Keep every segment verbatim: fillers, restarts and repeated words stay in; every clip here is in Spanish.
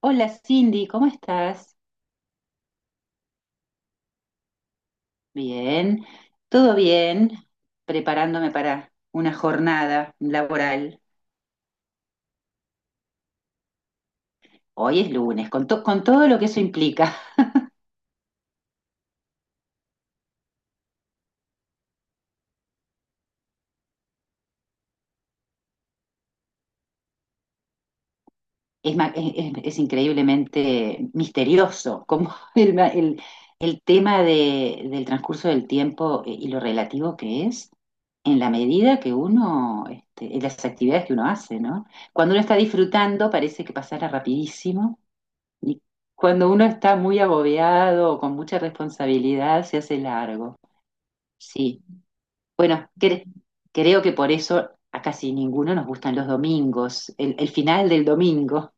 Hola Cindy, ¿cómo estás? Bien, todo bien, preparándome para una jornada laboral. Hoy es lunes, con, to- con todo lo que eso implica. Es, ma- es- es- es increíblemente misterioso como el, ma- el- el tema de- del transcurso del tiempo eh, y lo relativo que es en la medida que uno, este, en las actividades que uno hace, ¿no? Cuando uno está disfrutando parece que pasara rapidísimo. Y cuando uno está muy agobiado o con mucha responsabilidad, se hace largo. Sí. Bueno, cre- creo que por eso a casi ninguno nos gustan los domingos, el, el final del domingo.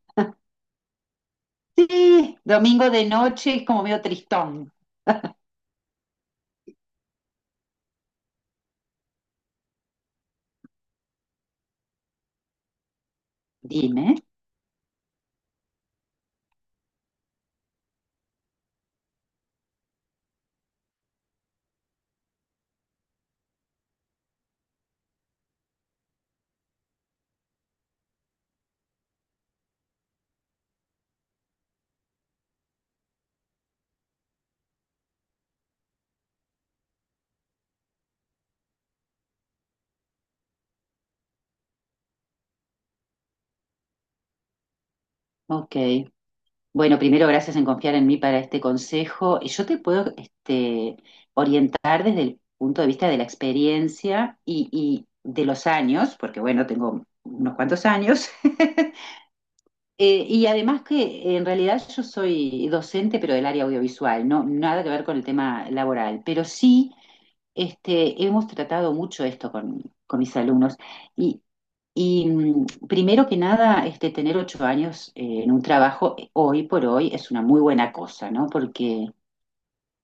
Sí, domingo de noche es como medio tristón. Dime. Ok. Bueno, primero gracias en confiar en mí para este consejo. Y yo te puedo este, orientar desde el punto de vista de la experiencia y, y de los años, porque bueno, tengo unos cuantos años. Eh, y además que en realidad yo soy docente, pero del área audiovisual, no nada que ver con el tema laboral, pero sí este, hemos tratado mucho esto con, con mis alumnos. Y, y, mm, primero que nada, este, tener ocho años eh, en un trabajo eh, hoy por hoy es una muy buena cosa, ¿no? Porque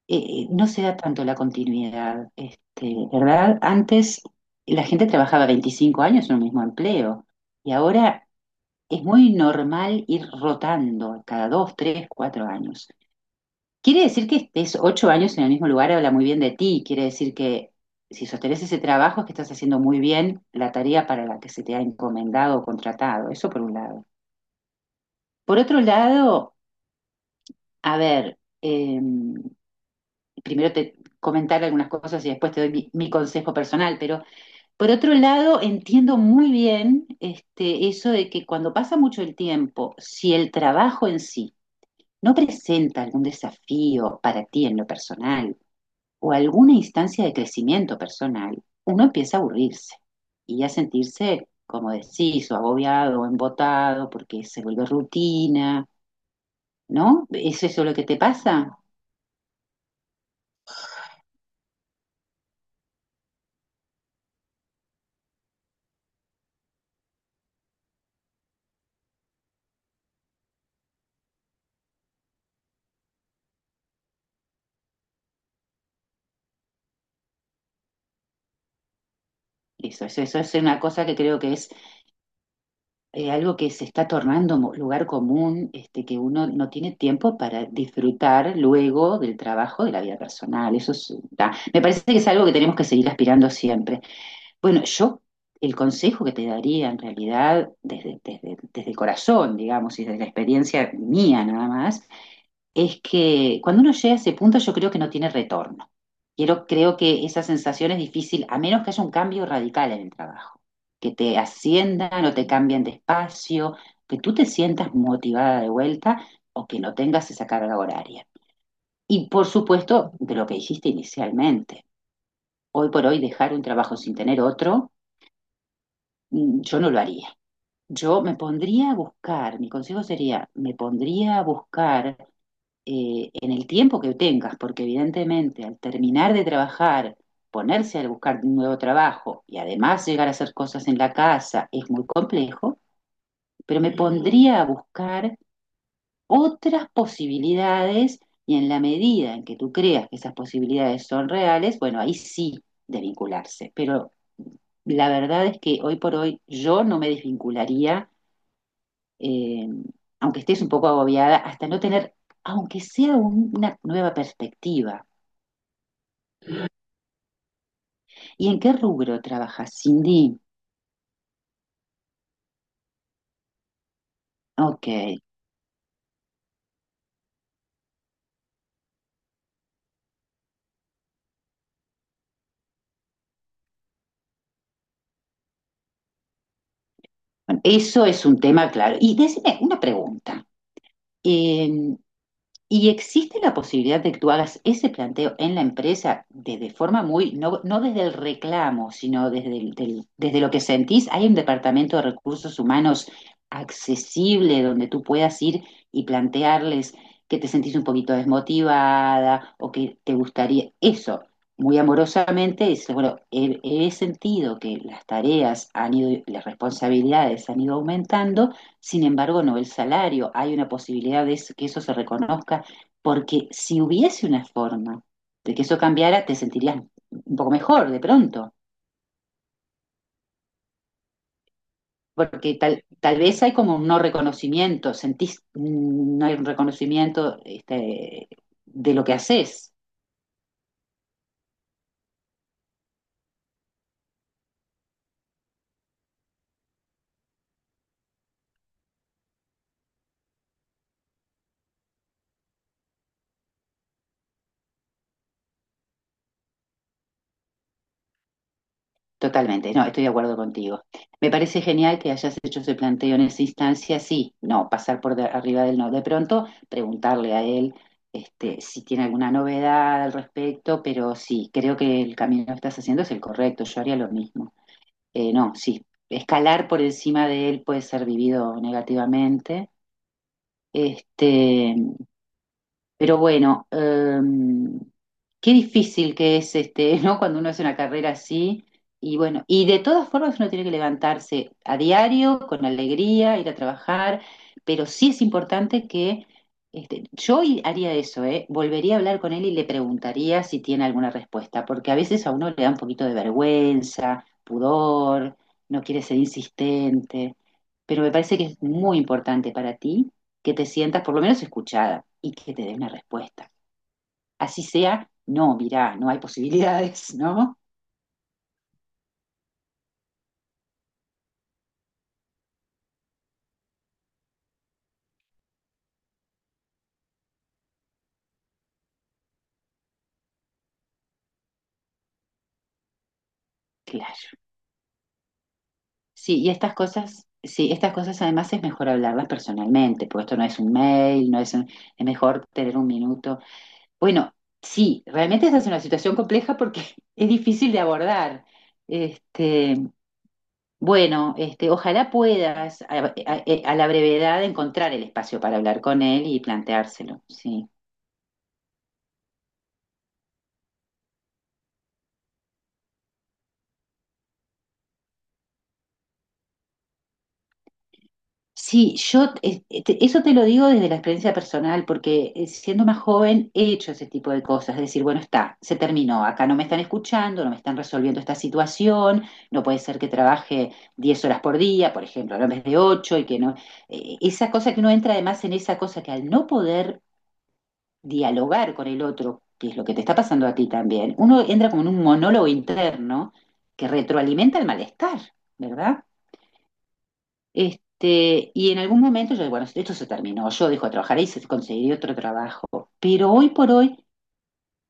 eh, no se da tanto la continuidad, este, ¿verdad? Antes la gente trabajaba veinticinco años en un mismo empleo y ahora es muy normal ir rotando cada dos, tres, cuatro años. Quiere decir que estés ocho años en el mismo lugar, habla muy bien de ti. Quiere decir que si sostenés ese trabajo es que estás haciendo muy bien la tarea para la que se te ha encomendado o contratado. Eso por un lado. Por otro lado, a ver, eh, primero te comentar algunas cosas y después te doy mi, mi consejo personal, pero por otro lado entiendo muy bien este, eso de que cuando pasa mucho el tiempo, si el trabajo en sí ¿no presenta algún desafío para ti en lo personal o alguna instancia de crecimiento personal? Uno empieza a aburrirse y a sentirse, como decís, o agobiado o embotado porque se vuelve rutina, ¿no? ¿Es eso lo que te pasa? Eso, eso, eso es una cosa que creo que es eh, algo que se está tornando mo- lugar común, este, que uno no tiene tiempo para disfrutar luego del trabajo de la vida personal. Eso es, da- me parece que es algo que tenemos que seguir aspirando siempre. Bueno, yo el consejo que te daría en realidad desde, desde, desde el corazón, digamos, y desde la experiencia mía nada más, es que cuando uno llega a ese punto yo creo que no tiene retorno. Quiero, creo que esa sensación es difícil, a menos que haya un cambio radical en el trabajo, que te asciendan o te cambien de espacio, que tú te sientas motivada de vuelta o que no tengas esa carga horaria. Y por supuesto, de lo que dijiste inicialmente, hoy por hoy dejar un trabajo sin tener otro, mm, yo no lo haría. Yo me pondría a buscar, mi consejo sería, me pondría a buscar eh, en el tiempo que tengas, porque evidentemente al terminar de trabajar, ponerse a buscar un nuevo trabajo y además llegar a hacer cosas en la casa es muy complejo, pero me pondría a buscar otras posibilidades y en la medida en que tú creas que esas posibilidades son reales, bueno, ahí sí desvincularse, pero la verdad es que hoy por hoy yo no me desvincularía, eh, aunque estés un poco agobiada, hasta no tener, aunque sea un- una nueva perspectiva. ¿Y en qué rubro trabajas, Cindy? Ok. Bueno, eso es un tema claro. Y decime una pregunta. Eh, ¿Y existe la posibilidad de que tú hagas ese planteo en la empresa de, de forma muy, no, no desde el reclamo, sino desde, el- del- desde lo que sentís? ¿Hay un departamento de recursos humanos accesible donde tú puedas ir y plantearles que te sentís un poquito desmotivada o que te gustaría eso? Muy amorosamente dices, bueno, he, he sentido que las tareas han ido, las responsabilidades han ido aumentando, sin embargo, no el salario. ¿Hay una posibilidad de eso- que eso se reconozca? Porque si hubiese una forma de que eso cambiara, te sentirías un poco mejor de pronto. Porque tal, tal vez hay como un no reconocimiento, sentís, mm, no hay un reconocimiento este, de lo que haces. Totalmente, no, estoy de acuerdo contigo. Me parece genial que hayas hecho ese planteo en esa instancia, sí, no, pasar por de- arriba del no. De pronto, preguntarle a él este, si tiene alguna novedad al respecto, pero sí, creo que el camino que estás haciendo es el correcto, yo haría lo mismo. eh, no, sí, escalar por encima de él puede ser vivido negativamente. Este, pero bueno, em, qué difícil que es este, ¿no? Cuando uno hace una carrera así. Y bueno, y de todas formas uno tiene que levantarse a diario, con alegría, ir a trabajar, pero sí es importante que este, yo i- haría eso, ¿eh? Volvería a hablar con él y le preguntaría si tiene alguna respuesta, porque a veces a uno le da un poquito de vergüenza, pudor, no quiere ser insistente, pero me parece que es muy importante para ti que te sientas por lo menos escuchada y que te dé una respuesta. Así sea, no, mirá, no hay posibilidades, ¿no? Claro. Sí, y estas cosas, sí, estas cosas además es mejor hablarlas personalmente, porque esto no es un mail, no es un- es mejor tener un minuto. Bueno, sí, realmente esa es una situación compleja porque es difícil de abordar. Este, bueno, este, ojalá puedas a, a- a la brevedad encontrar el espacio para hablar con él y planteárselo, sí. Sí, yo eh, te- eso te lo digo desde la experiencia personal, porque eh, siendo más joven he hecho ese tipo de cosas, es decir, bueno, está, se terminó, acá no me están escuchando, no me están resolviendo esta situación, no puede ser que trabaje diez horas por día, por ejemplo, no en vez de ocho y que no, eh, esa cosa que uno entra además en esa cosa que al no poder dialogar con el otro, que es lo que te está pasando a ti también, uno entra como en un monólogo interno que retroalimenta el malestar, ¿verdad? Este, y en algún momento yo, bueno, esto se terminó, yo dejo de trabajar ahí, y se conseguiré otro trabajo. Pero hoy por hoy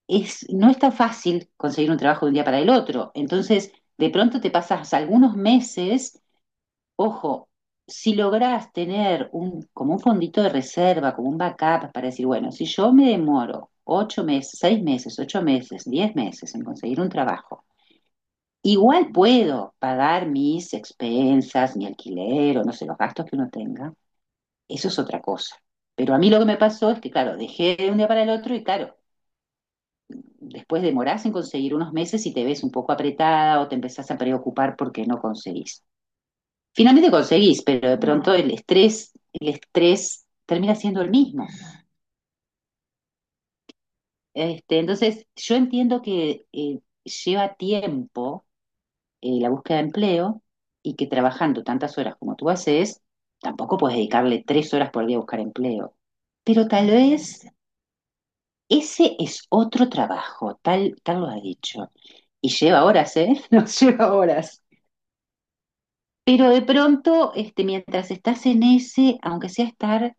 es, no es tan fácil conseguir un trabajo de un día para el otro. Entonces, de pronto te pasas algunos meses, ojo, si lográs tener un, como un fondito de reserva, como un backup para decir, bueno, si yo me demoro ocho meses, seis meses, ocho meses, diez meses en conseguir un trabajo, igual puedo pagar mis expensas, mi alquiler o no sé, los gastos que uno tenga. Eso es otra cosa. Pero a mí lo que me pasó es que, claro, dejé de un día para el otro y, claro, después demorás en conseguir unos meses y te ves un poco apretada o te empezás a preocupar porque no conseguís. Finalmente conseguís, pero de pronto el estrés, el estrés termina siendo el mismo. Este, entonces, yo entiendo que eh, lleva tiempo eh, la búsqueda de empleo y que trabajando tantas horas como tú haces, tampoco puedes dedicarle tres horas por día a buscar empleo. Pero tal vez ese es otro trabajo, tal, tal lo ha dicho. Y lleva horas, ¿eh? Nos lleva horas. Pero de pronto, este, mientras estás en ese, aunque sea estar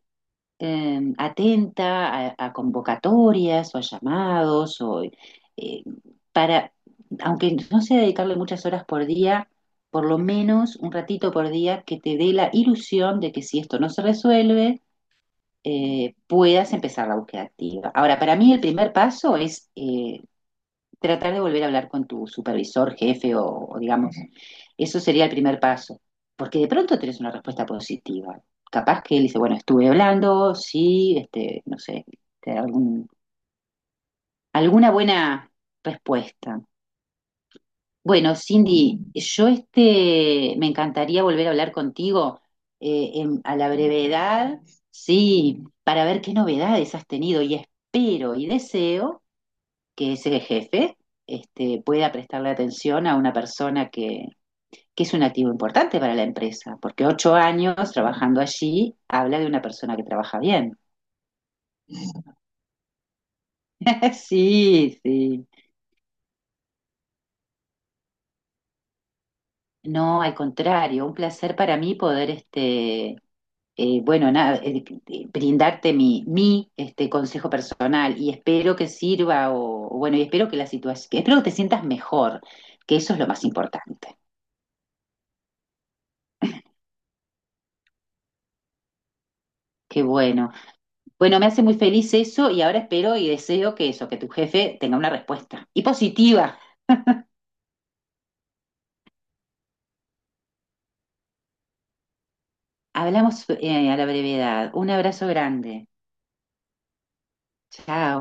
eh, atenta a, a convocatorias o a llamados, o, eh, para, aunque no sea dedicarle muchas horas por día, por lo menos un ratito por día que te dé la ilusión de que si esto no se resuelve, eh, puedas empezar la búsqueda activa. Ahora, para mí el primer paso es eh, tratar de volver a hablar con tu supervisor, jefe o, o digamos, eso sería el primer paso, porque de pronto tenés una respuesta positiva. Capaz que él dice, bueno, estuve hablando, sí, este, no sé, te da algún, alguna buena respuesta. Bueno, Cindy, yo este, me encantaría volver a hablar contigo eh, en- a la brevedad, sí, para ver qué novedades has tenido y espero y deseo que ese jefe este, pueda prestarle atención a una persona que, que es un activo importante para la empresa, porque ocho años trabajando allí habla de una persona que trabaja bien. Sí, sí. No, al contrario, un placer para mí poder, este, eh, bueno, nada, eh, eh, brindarte mi, mi este, consejo personal y espero que sirva o, o bueno, y espero que la situación, espero que te sientas mejor, que eso es lo más importante. Qué bueno. Bueno, me hace muy feliz eso y ahora espero y deseo que eso, que tu jefe tenga una respuesta. Y positiva. Hablamos eh, a la brevedad. Un abrazo grande. Chao.